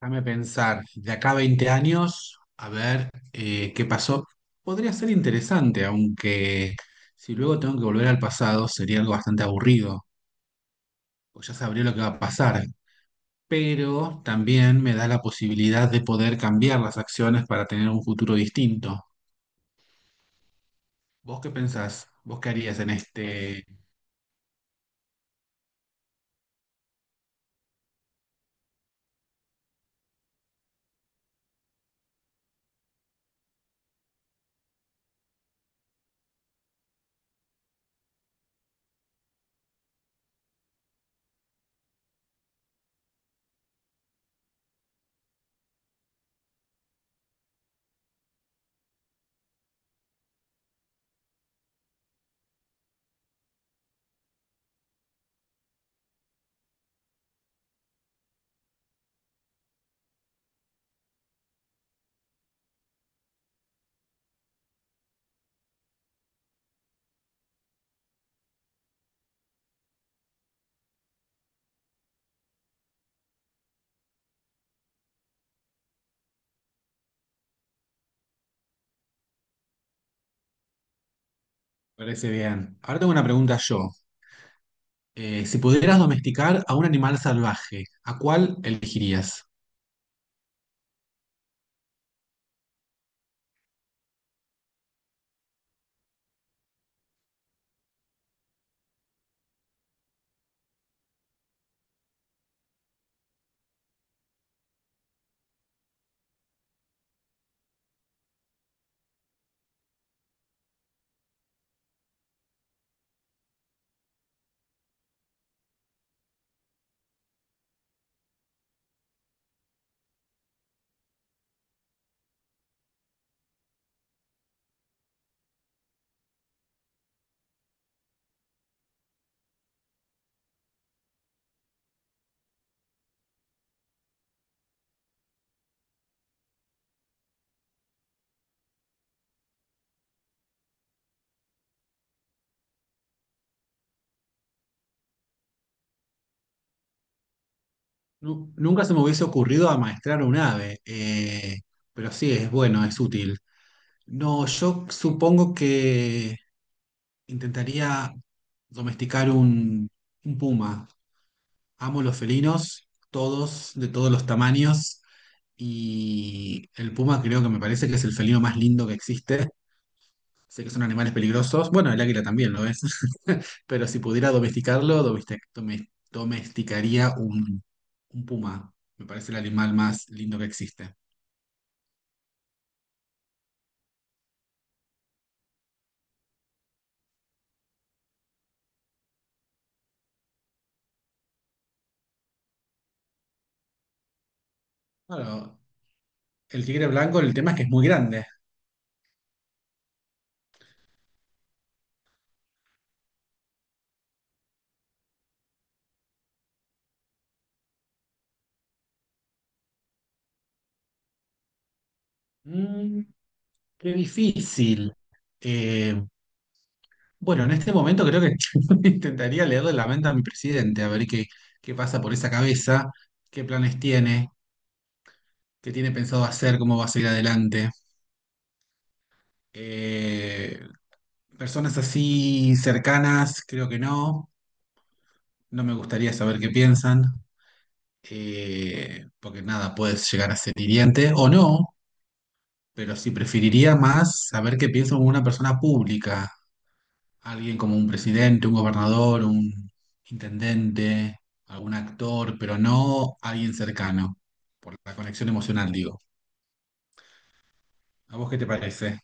Déjame pensar, de acá a 20 años, a ver qué pasó. Podría ser interesante, aunque si luego tengo que volver al pasado sería algo bastante aburrido, pues ya sabría lo que va a pasar. Pero también me da la posibilidad de poder cambiar las acciones para tener un futuro distinto. ¿Vos qué pensás? ¿Vos qué harías en este? Parece bien. Ahora tengo una pregunta yo. Si pudieras domesticar a un animal salvaje, ¿a cuál elegirías? Nunca se me hubiese ocurrido amaestrar un ave, pero sí es bueno, es útil. No, yo supongo que intentaría domesticar un puma. Amo los felinos, todos, de todos los tamaños, y el puma creo que me parece que es el felino más lindo que existe. Sé que son animales peligrosos. Bueno, el águila también lo es. Pero si pudiera domesticarlo, domesticaría un puma. Me parece el animal más lindo que existe. Claro, el tigre blanco, el tema es que es muy grande. Mm, qué difícil. Eh, bueno, en este momento creo que intentaría leerle la mente a mi presidente, a ver qué pasa por esa cabeza, qué planes tiene, qué tiene pensado hacer, cómo va a seguir adelante. Eh, Personas así cercanas, creo que no. No me gustaría saber qué piensan, porque nada, puede llegar a ser hiriente o no, pero sí preferiría más saber qué piensa una persona pública, alguien como un presidente, un gobernador, un intendente, algún actor, pero no alguien cercano, por la conexión emocional, digo. ¿A vos qué te parece?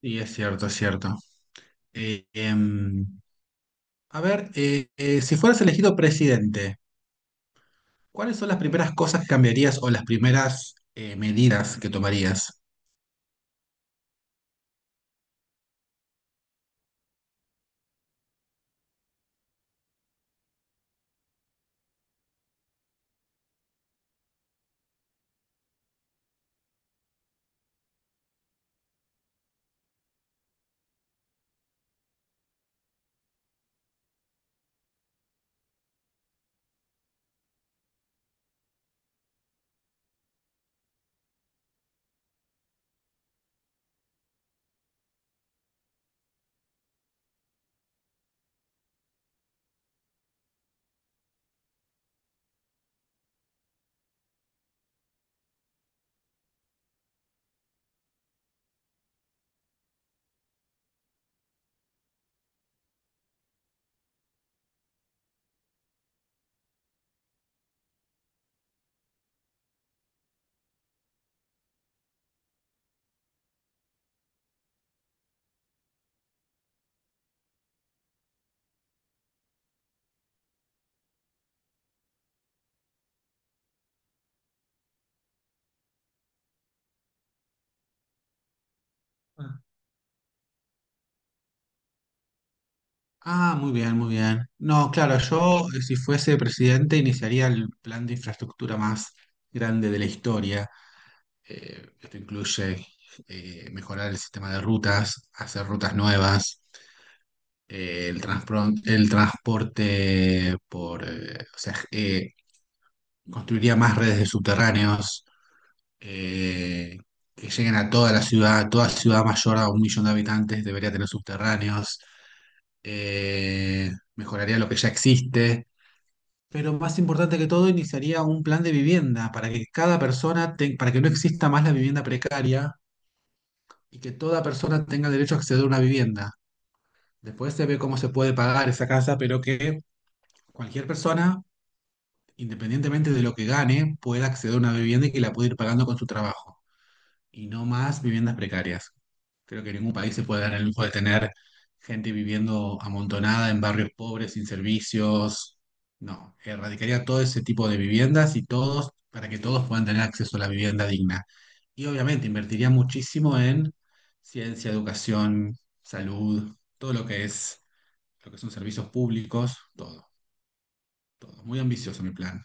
Sí, es cierto, es cierto. Eh, em, a ver, si fueras elegido presidente. ¿Cuáles son las primeras cosas que cambiarías o las primeras medidas que tomarías? Ah, muy bien, muy bien. No, claro, yo, si fuese presidente iniciaría el plan de infraestructura más grande de la historia. Esto incluye mejorar el sistema de rutas, hacer rutas nuevas, el transporte por, o sea, construiría más redes de subterráneos eh, que lleguen a toda la ciudad, toda ciudad mayor a un millón de habitantes debería tener subterráneos, eh, mejoraría lo que ya existe, pero más importante que todo, iniciaría un plan de vivienda para que cada para que no exista más la vivienda precaria y que toda persona tenga derecho a acceder a una vivienda. Después se ve cómo se puede pagar esa casa, pero que cualquier persona, independientemente de lo que gane, pueda acceder a una vivienda y que la pueda ir pagando con su trabajo. Y no más viviendas precarias. Creo que ningún país se puede dar el lujo de tener gente viviendo amontonada en barrios pobres, sin servicios. No, erradicaría todo ese tipo de viviendas y todos, para que todos puedan tener acceso a la vivienda digna. Y obviamente invertiría muchísimo en ciencia, educación, salud, todo lo que es, lo que son servicios públicos, todo, todo. Muy ambicioso mi plan.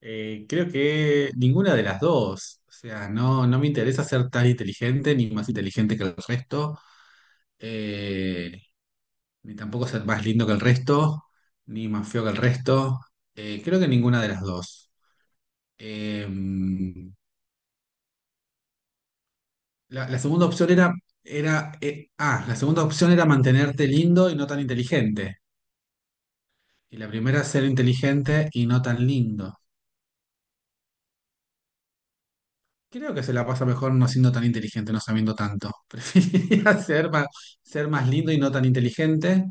Creo que ninguna de las dos. O sea, no, no me interesa ser tan inteligente ni más inteligente que el resto, eh, ni tampoco ser más lindo que el resto, ni más feo que el resto. Creo que ninguna de las dos. Eh, la segunda opción era, la segunda opción era mantenerte lindo y no tan inteligente. Y la primera, ser inteligente y no tan lindo. Creo que se la pasa mejor no siendo tan inteligente, no sabiendo tanto. Preferiría ser más lindo y no tan inteligente.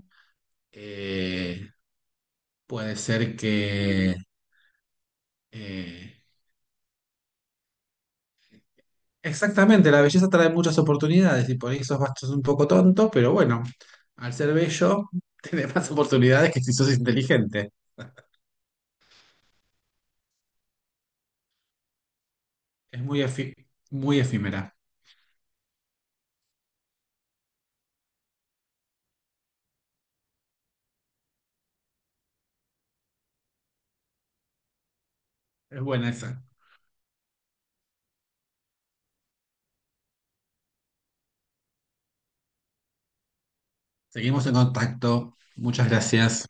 Eh, Puede ser que... eh, exactamente, la belleza trae muchas oportunidades y por ahí sos un poco tonto, pero bueno, al ser bello, tenés más oportunidades que si sos inteligente. Es muy efímera. Es buena esa. Seguimos en contacto. Muchas gracias.